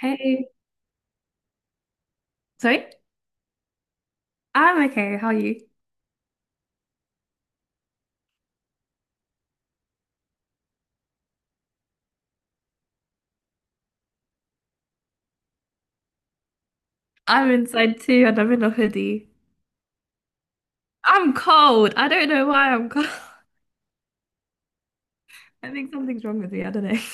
Hey, sorry? I'm okay. How are you? I'm inside too, and I'm in a hoodie. I'm cold. I don't know why I'm cold. I think something's wrong with me. I don't know.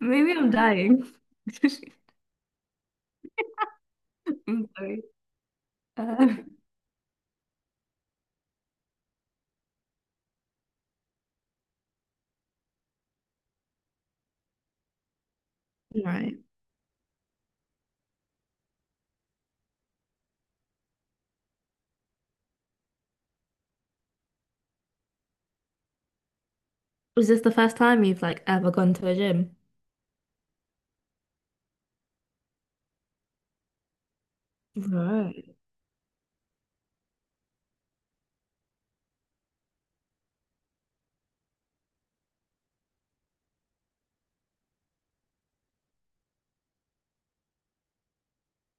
Maybe I'm dying. I'm sorry. Uh, right. Was this the first time you've like ever gone to a gym? Right.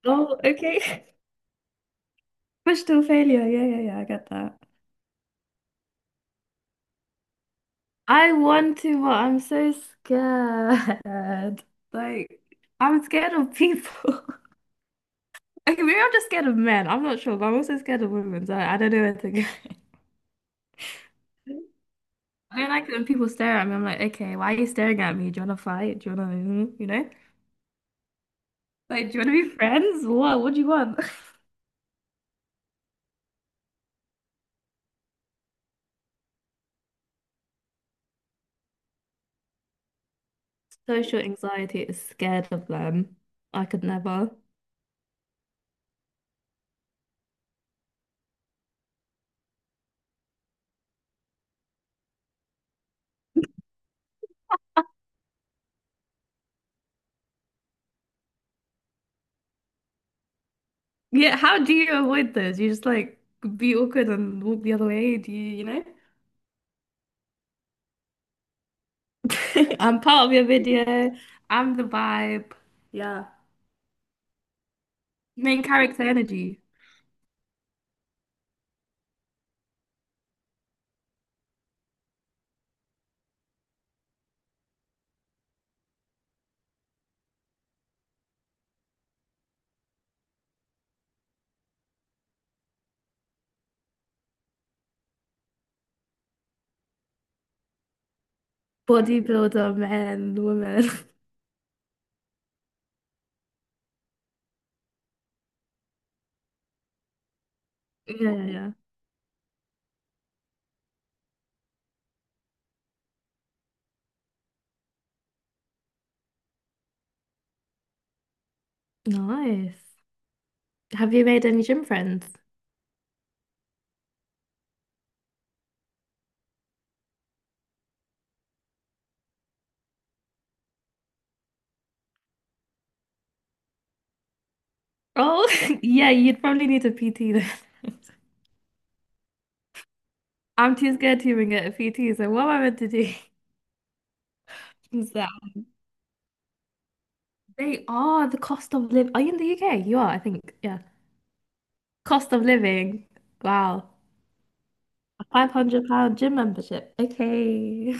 Oh, okay. Push-to failure. Yeah, yeah, yeah. I get that. I want to, but I'm so scared. Like, I'm scared of people. Okay, maybe I'm just scared of men. I'm not sure, but I'm also scared of women, so I don't know where to go. I mean, like when people stare at me, I'm like, okay, why are you staring at me? Do you want to fight? Do you want to, you know? Like, do you want to be friends? What? What do you want? Social anxiety is scared of them. I could never. Yeah, how do you avoid those? You just like be awkward and walk the other way? Do you, you know? I'm part of your video. I'm the vibe. Yeah. Main character energy. Bodybuilder, men, women. Yeah, yeah, yeah. Nice. Have you made any gym friends? Oh, yeah, you'd probably need a PT then. I'm too scared to even get a PT, so what am I meant to do? So they are the cost of living. Are you in the UK? You are, I think. Yeah. Cost of living. Wow. A £500 gym membership. Okay.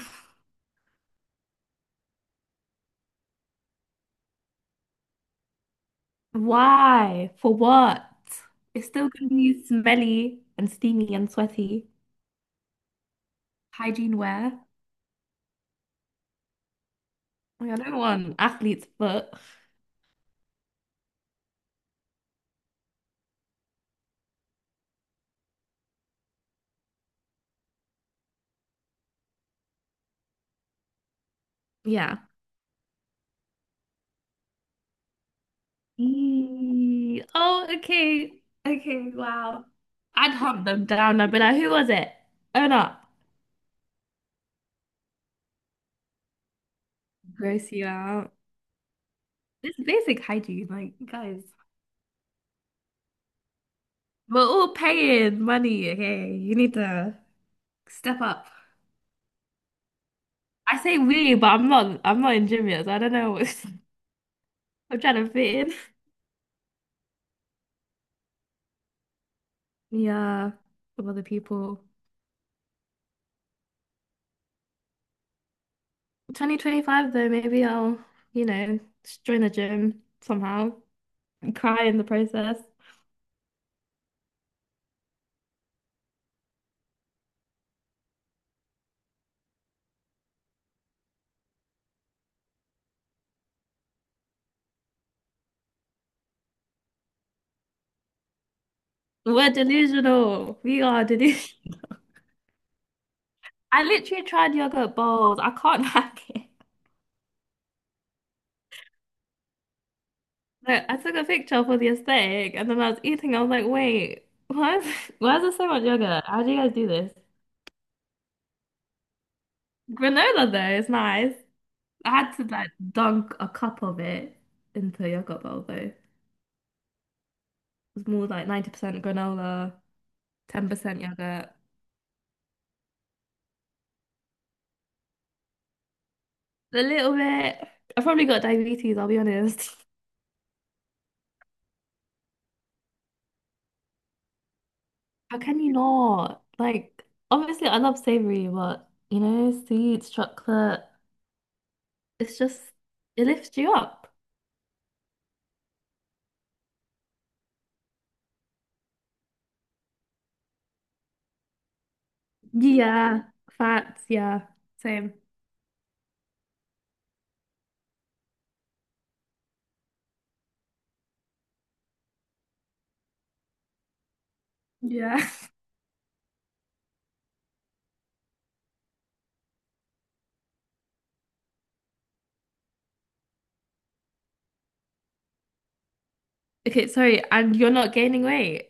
Why? For what? It's still gonna be smelly and steamy and sweaty. Hygiene wear. Like, I don't want athlete's foot. Yeah. Eee. Oh, okay. Okay, wow. I'd hunt them down. I'd be like, who was it? Own up. Gross you out. It's basic hygiene. Like, guys, we're all paying money. Okay, you need to step up. I say we, but I'm not. I'm not in gym yet, so I don't know. I'm trying to fit in. Yeah, with other people. 2025 though, maybe I'll, you know, just join the gym somehow and cry in the process. We're delusional. We are delusional. I literally tried yogurt bowls. I can't hack it. Like, I took a picture for the aesthetic and then I was eating. I was like, wait, why is, why is there so much yogurt? How do you guys do this? Granola, though, is nice. I had to like dunk a cup of it into a yogurt bowl, though. It was more like 90% granola, 10% yogurt. A little bit. I probably got diabetes, I'll be honest. How can you not? Like, obviously, I love savory, but sweets, chocolate, it's just, it lifts you up. Yeah, fats, yeah, same. Yeah. Okay, sorry, and you're not gaining weight.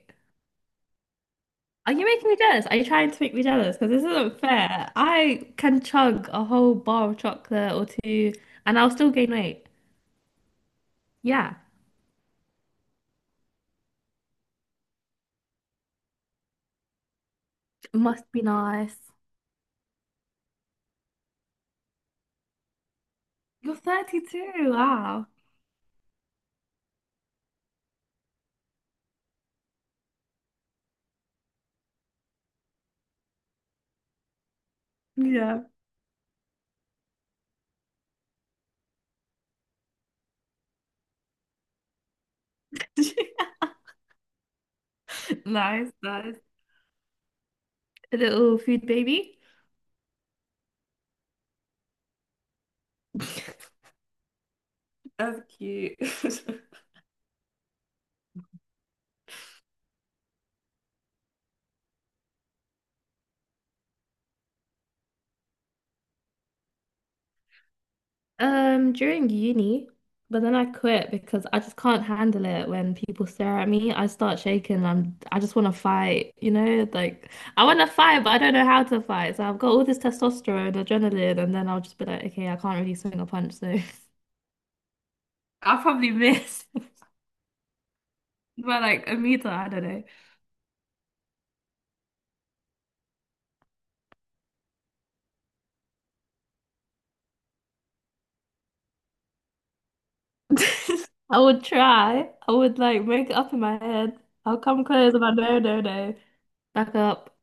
Are you making me jealous? Are you trying to make me jealous? Because this isn't fair. I can chug a whole bar of chocolate or two and I'll still gain weight. Yeah, must be nice. You're 32. Wow. Yeah. Nice, nice. A little food baby. That's cute. During uni, but then I quit because I just can't handle it when people stare at me. I start shaking. I just want to fight, you know? Like I want to fight, but I don't know how to fight. So I've got all this testosterone, adrenaline, and then I'll just be like, okay, I can't really swing a punch, so I'll probably miss by like a meter. I don't know. I would try. I would like make it up in my head. I'll come close, but no, no, no. Back up.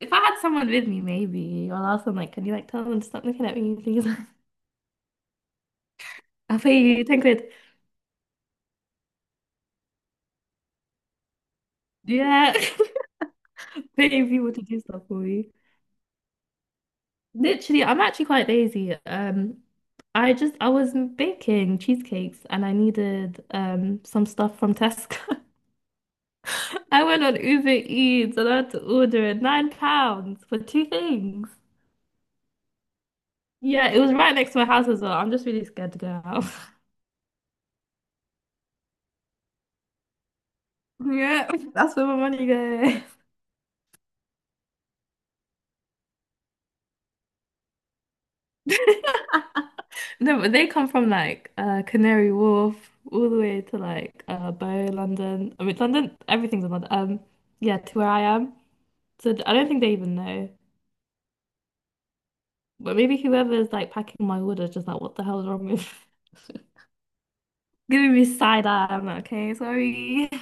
If I had someone with me, maybe I'll ask them like, can you like tell them to stop looking at me please? I'll pay you 10 quid. Yeah. Paying people to do stuff for you. Literally, I'm actually quite lazy. I was baking cheesecakes and I needed some stuff from Tesco. I went on Uber Eats and I had to order it £9 for two things. Yeah, it was right next to my house as well. I'm just really scared to go out. Yeah, that's where my money goes. No, but they come from like Canary Wharf all the way to like Bow, London. I mean London, everything's in London. Yeah, to where I am. So I don't think they even know. But maybe whoever's like packing my order is just like, what the hell's wrong with giving me side eye. I'm like, okay, sorry.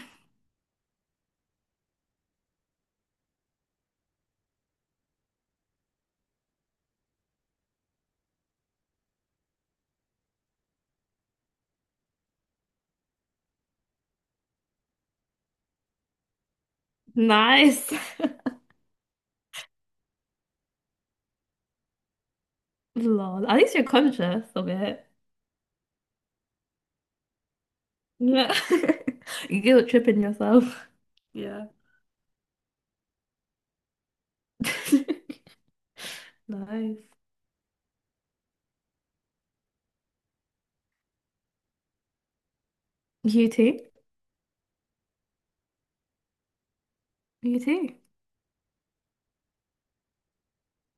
Nice. Lol. At least you're conscious of it. Yeah. You guilt tripping yourself. Yeah. Nice. You too. You too.